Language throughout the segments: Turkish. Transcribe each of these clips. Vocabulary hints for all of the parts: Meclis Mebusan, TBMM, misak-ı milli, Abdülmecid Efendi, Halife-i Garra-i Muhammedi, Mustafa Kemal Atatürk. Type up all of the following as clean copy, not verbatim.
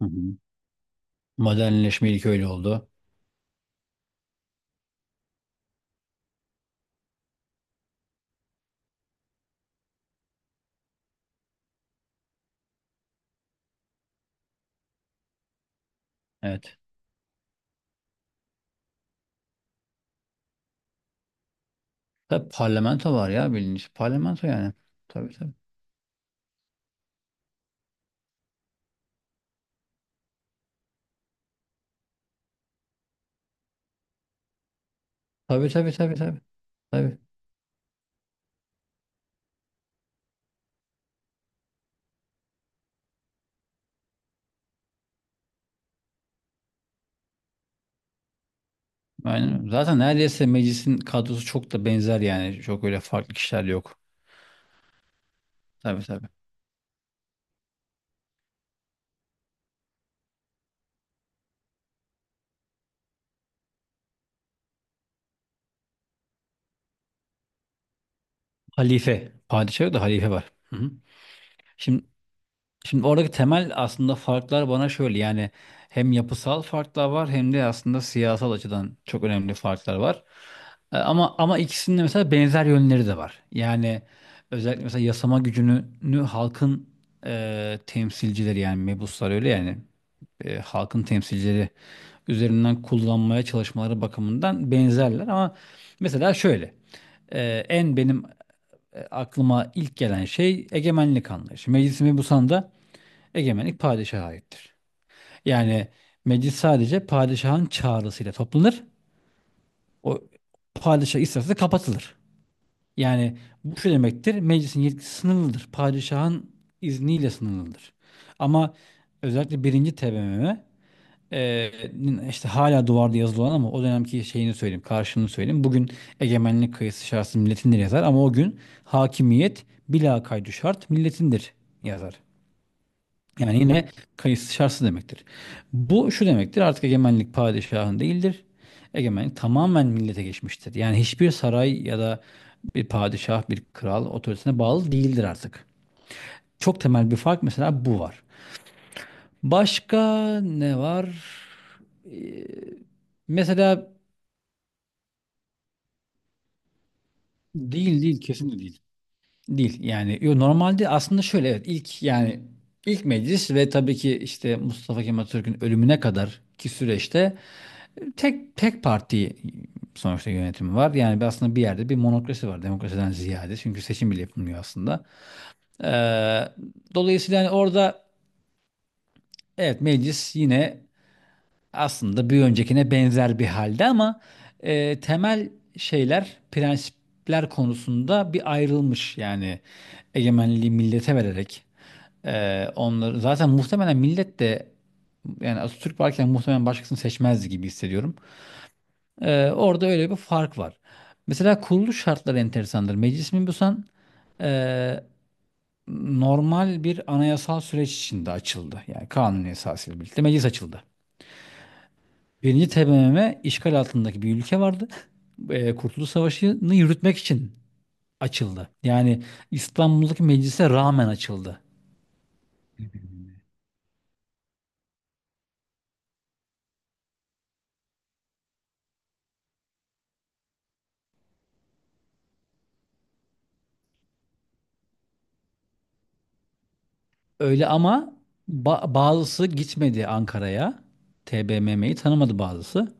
Hı hı. Modernleşme ilk öyle oldu. Evet. Tabii parlamento var ya bilinç. Parlamento yani. Tabii tabii. Tabii tabii tabii tabii. Tabii. Aynen. Zaten neredeyse meclisin kadrosu çok da benzer yani. Çok öyle farklı kişiler yok. Tabii tabii. Halife. Padişah yok da halife var. Hı hı. Şimdi Şimdi oradaki temel aslında farklar bana şöyle yani hem yapısal farklar var hem de aslında siyasal açıdan çok önemli farklar var. Ama ikisinin de mesela benzer yönleri de var. Yani özellikle mesela yasama gücünü halkın temsilcileri yani mebuslar öyle yani halkın temsilcileri üzerinden kullanmaya çalışmaları bakımından benzerler ama mesela şöyle e, en benim aklıma ilk gelen şey egemenlik anlayışı. Meclis Mebusan'da egemenlik padişaha aittir. Yani meclis sadece padişahın çağrısıyla toplanır. O padişah isterse kapatılır. Yani bu şu demektir. Meclisin yetkisi sınırlıdır. Padişahın izniyle sınırlıdır. Ama özellikle birinci TBMM e, işte hala duvarda yazılı olan ama o dönemki şeyini söyleyeyim, karşılığını söyleyeyim. Bugün egemenlik kayısı şartsız milletindir yazar ama o gün hakimiyet bila kaydı şart milletindir yazar. Yani yine kayıtsız şartsız demektir. Bu şu demektir artık egemenlik padişahın değildir. Egemenlik tamamen millete geçmiştir. Yani hiçbir saray ya da bir padişah, bir kral otoritesine bağlı değildir artık. Çok temel bir fark mesela bu var. Başka ne var? Ee, mesela değil değil kesinlikle değil. Değil yani yo, normalde aslında şöyle evet ilk yani ilk meclis ve tabii ki işte Mustafa Kemal Atatürk'ün ölümüne kadar ki süreçte Tek parti sonuçta yönetimi var. Yani aslında bir yerde bir monokrasi var demokrasiden ziyade. Çünkü seçim bile yapılmıyor aslında. Ee, dolayısıyla hani orada evet meclis yine aslında bir öncekine benzer bir halde ama temel şeyler, prensipler konusunda bir ayrılmış. Yani egemenliği millete vererek onları zaten muhtemelen millet de yani Atatürk varken muhtemelen başkasını seçmezdi gibi hissediyorum. Orada öyle bir fark var. Mesela kuruluş şartları enteresandır. Meclis Mebusan e, normal bir anayasal süreç içinde açıldı. Yani kanun esasıyla birlikte meclis açıldı. Birinci TBMM işgal altındaki bir ülke vardı. Kurtuluş Savaşı'nı yürütmek için açıldı. Yani İstanbul'daki meclise rağmen açıldı. Öyle ama bazısı gitmedi Ankara'ya. TBMM'yi tanımadı bazısı.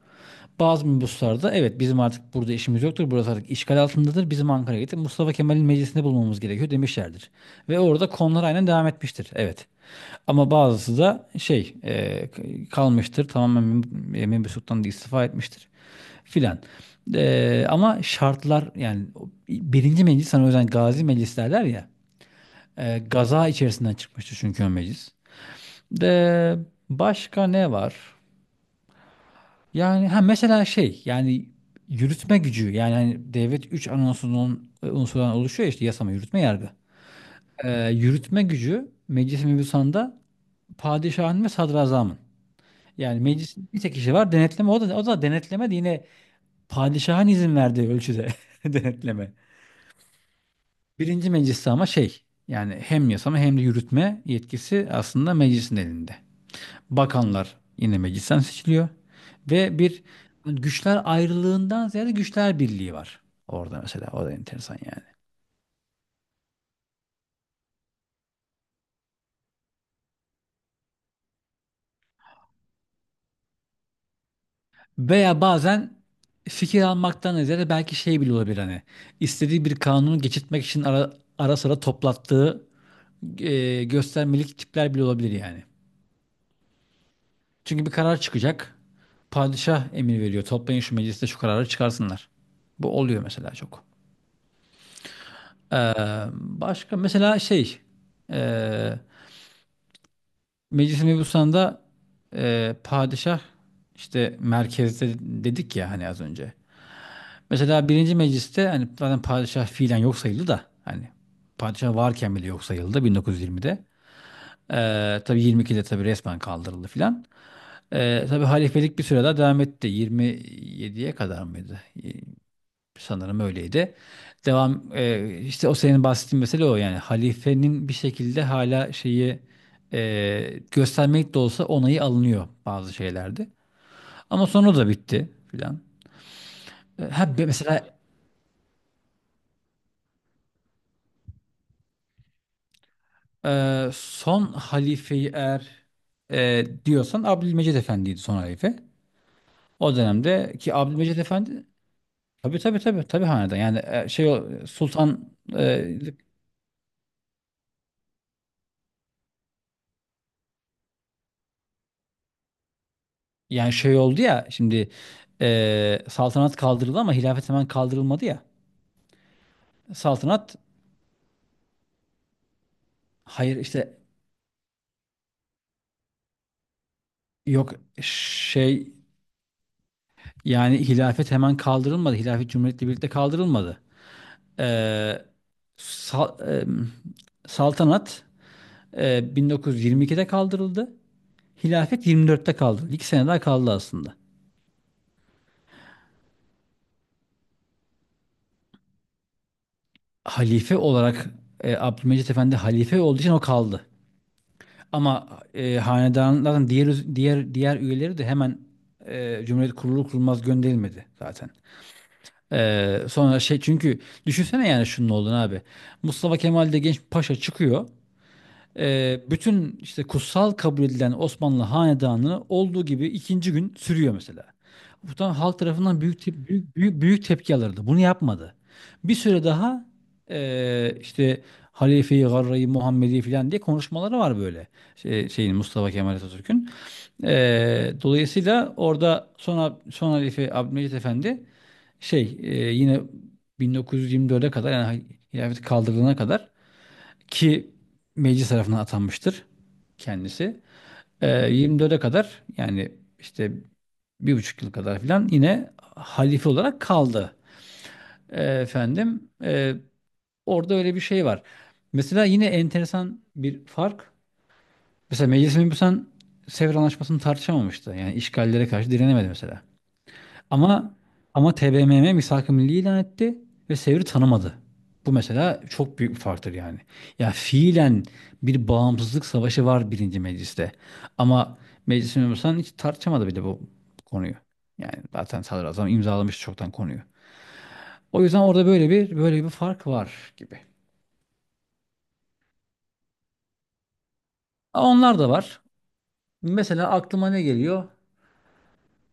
Bazı minibüslerde evet bizim artık burada işimiz yoktur. Burası artık işgal altındadır. Bizim Ankara'ya gidip Mustafa Kemal'in meclisinde bulmamız gerekiyor demişlerdir. Ve orada konular aynen devam etmiştir. Evet. Ama bazısı da şey kalmıştır. Tamamen Membi Sultan istifa etmiştir. Filan. Ama şartlar yani o birinci meclis hani o yüzden gazi meclis derler ya. Gaza içerisinden çıkmıştı çünkü o meclis. De başka ne var? Yani ha mesela şey yani yürütme gücü yani hani devlet 3 anonsunun unsurdan oluşuyor ya işte yasama, yürütme, yargı. Yürütme gücü meclis mebusanda padişahın ve sadrazamın. Yani meclisin bir tek kişi var denetleme o da denetleme de yine padişahın izin verdiği ölçüde denetleme. Birinci mecliste ama şey yani hem yasama hem de yürütme yetkisi aslında meclisin elinde. Bakanlar yine meclisten seçiliyor. Ve bir güçler ayrılığından ziyade güçler birliği var. Orada mesela o da enteresan yani. Veya bazen fikir almaktan ziyade belki şey bile olabilir hani istediği bir kanunu geçirtmek için ara sıra toplattığı göstermelik tipler bile olabilir yani. Çünkü bir karar çıkacak. Padişah emir veriyor. Toplayın şu mecliste şu kararı çıkarsınlar. Bu oluyor mesela çok. Ee, başka mesela şey ee, Meclis-i Mebusan'da padişah işte merkezde dedik ya hani az önce. Mesela birinci mecliste hani zaten padişah fiilen yok sayıldı da hani padişah varken bile yok sayıldı 1920'de. E, tabii 22'de tabii resmen kaldırıldı filan. Tabii halifelik bir süre daha devam etti. 27'ye kadar mıydı? Sanırım öyleydi. Devam işte o senin bahsettiğin mesele o yani halifenin bir şekilde hala şeyi göstermek de olsa onayı alınıyor bazı şeylerde. Ama sonra da bitti filan. Mesela son halifeyi eğer diyorsan Abdülmecid Efendi'ydi son halife. O dönemde ki Abdülmecid Efendi tabii tabii tabii tabii hanedan yani şey o, Sultan e, yani şey oldu ya şimdi saltanat kaldırıldı ama hilafet hemen kaldırılmadı ya. Saltanat hayır işte yok şey yani hilafet hemen kaldırılmadı. Hilafet cumhuriyetle birlikte kaldırılmadı. Eee, sal- em, saltanat 1922'de kaldırıldı. Hilafet 24'te kaldırıldı. 2 sene daha kaldı aslında. Halife olarak Abdülmecit Efendi halife olduğu için o kaldı. Ama hanedanların diğer üyeleri de hemen Cumhuriyet kurulur kurulmaz gönderilmedi zaten. Sonra şey çünkü düşünsene yani şunun olduğunu abi. Mustafa Kemal de genç bir paşa çıkıyor bütün işte kutsal kabul edilen Osmanlı hanedanı olduğu gibi ikinci gün sürüyor mesela. Bu tam halk tarafından büyük, büyük, büyük tepki alırdı. Bunu yapmadı. Bir süre daha işte Halife-i Garra-i Muhammedi falan diye konuşmaları var böyle. Şey, şeyin Mustafa Kemal Atatürk'ün. Dolayısıyla orada sonra son Halife Abdülmecit Efendi şey yine 1924'e kadar yani hilafet kaldırılana kadar ki meclis tarafından atanmıştır kendisi. 24'e kadar yani işte 1,5 yıl kadar filan yine halife olarak kaldı. Efendim orada öyle bir şey var. Mesela yine enteresan bir fark. Mesela Meclis-i Mebusan Sevr Anlaşması'nı tartışamamıştı. Yani işgallere karşı direnemedi mesela. Ama ama TBMM misak-ı milli ilan etti ve Sevr'i tanımadı. Bu mesela çok büyük bir farktır yani. Ya fiilen bir bağımsızlık savaşı var birinci mecliste. Ama meclis memursan hiç tartışamadı bile bu konuyu. Yani zaten sadrazam imzalamış çoktan konuyu. O yüzden orada böyle bir fark var gibi. Ama onlar da var. Mesela aklıma ne geliyor?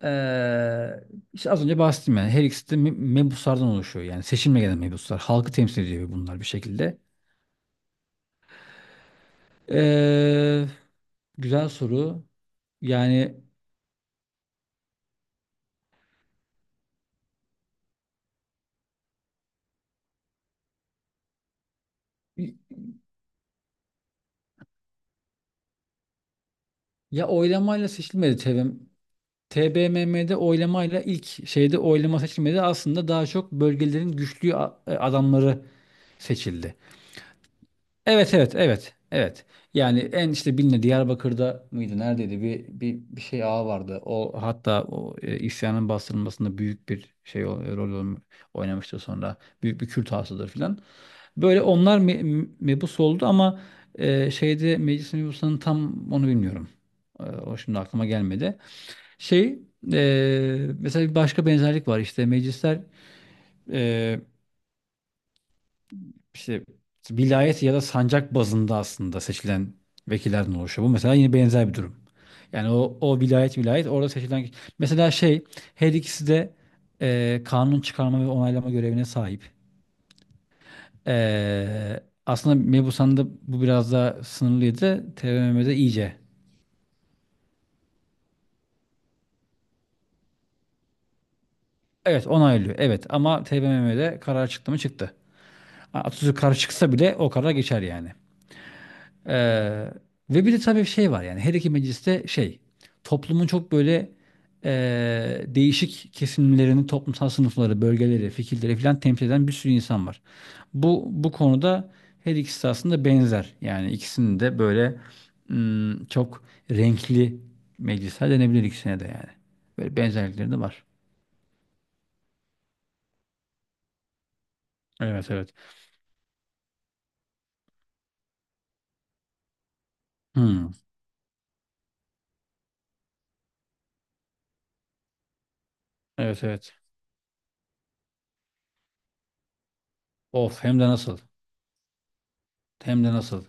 Ee, işte az önce bahsettim yani. Her ikisi de mebuslardan oluşuyor. Yani seçimle gelen mebuslar. Halkı temsil ediyor bunlar bir şekilde. Ee, güzel soru. Yani ya oylamayla seçilmedi TBMM. TBMM'de oylamayla ilk şeyde oylama seçilmedi. Aslında daha çok bölgelerin güçlü adamları seçildi. Evet evet evet evet. Yani en işte bilinen Diyarbakır'da mıydı neredeydi bir şey ağa vardı. O hatta o isyanın bastırılmasında büyük bir şey rol oynamıştı sonra. Büyük bir Kürt ağasıdır filan. Böyle onlar mebus oldu ama şeyde meclis mebusunun tam onu bilmiyorum. O şimdi aklıma gelmedi. Şey mesela bir başka benzerlik var işte meclisler e, işte vilayet ya da sancak bazında aslında seçilen vekillerden oluşuyor. Bu mesela yine benzer bir durum. Yani o, o vilayet vilayet orada seçilen mesela şey her ikisi de kanun çıkarma ve onaylama görevine sahip. E, aslında Mebusan'da bu biraz daha sınırlıydı. TBMM'de iyice. Evet onaylıyor. Evet ama TBMM'de karar çıktı mı çıktı. Atatürk karar çıksa bile o karar geçer yani. Ee, ve bir de tabii şey var yani her iki mecliste şey toplumun çok böyle değişik kesimlerini, toplumsal sınıfları, bölgeleri, fikirleri falan temsil eden bir sürü insan var. Bu konuda her ikisi aslında benzer. Yani ikisinin de böyle çok renkli meclisler denebilir ikisine de yani. Böyle benzerlikleri de var. Evet evet. Hmm. Evet evet. Of hem de nasıl. Hem de nasıl.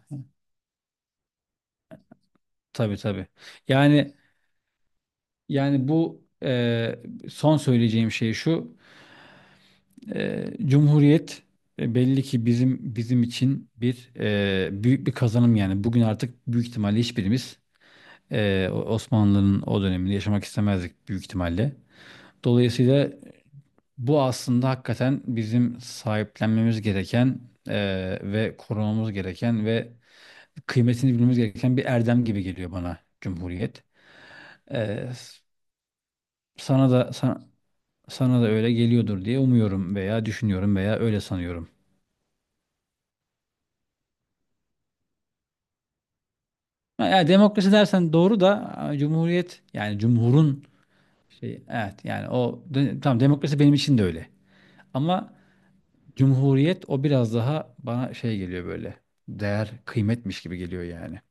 Tabii tabii. Yani Yani bu son söyleyeceğim şey şu. Cumhuriyet belli ki bizim için bir büyük bir kazanım yani. Bugün artık büyük ihtimalle hiçbirimiz Osmanlı'nın o dönemini yaşamak istemezdik büyük ihtimalle. Dolayısıyla bu aslında hakikaten bizim sahiplenmemiz gereken ve korumamız gereken ve kıymetini bilmemiz gereken bir erdem gibi geliyor bana Cumhuriyet. E, sana da sana, Sana da öyle geliyordur diye umuyorum veya düşünüyorum veya öyle sanıyorum. Ha, yani demokrasi dersen doğru da cumhuriyet yani cumhurun şey evet yani tamam demokrasi benim için de öyle. Ama cumhuriyet o biraz daha bana şey geliyor böyle değer kıymetmiş gibi geliyor yani.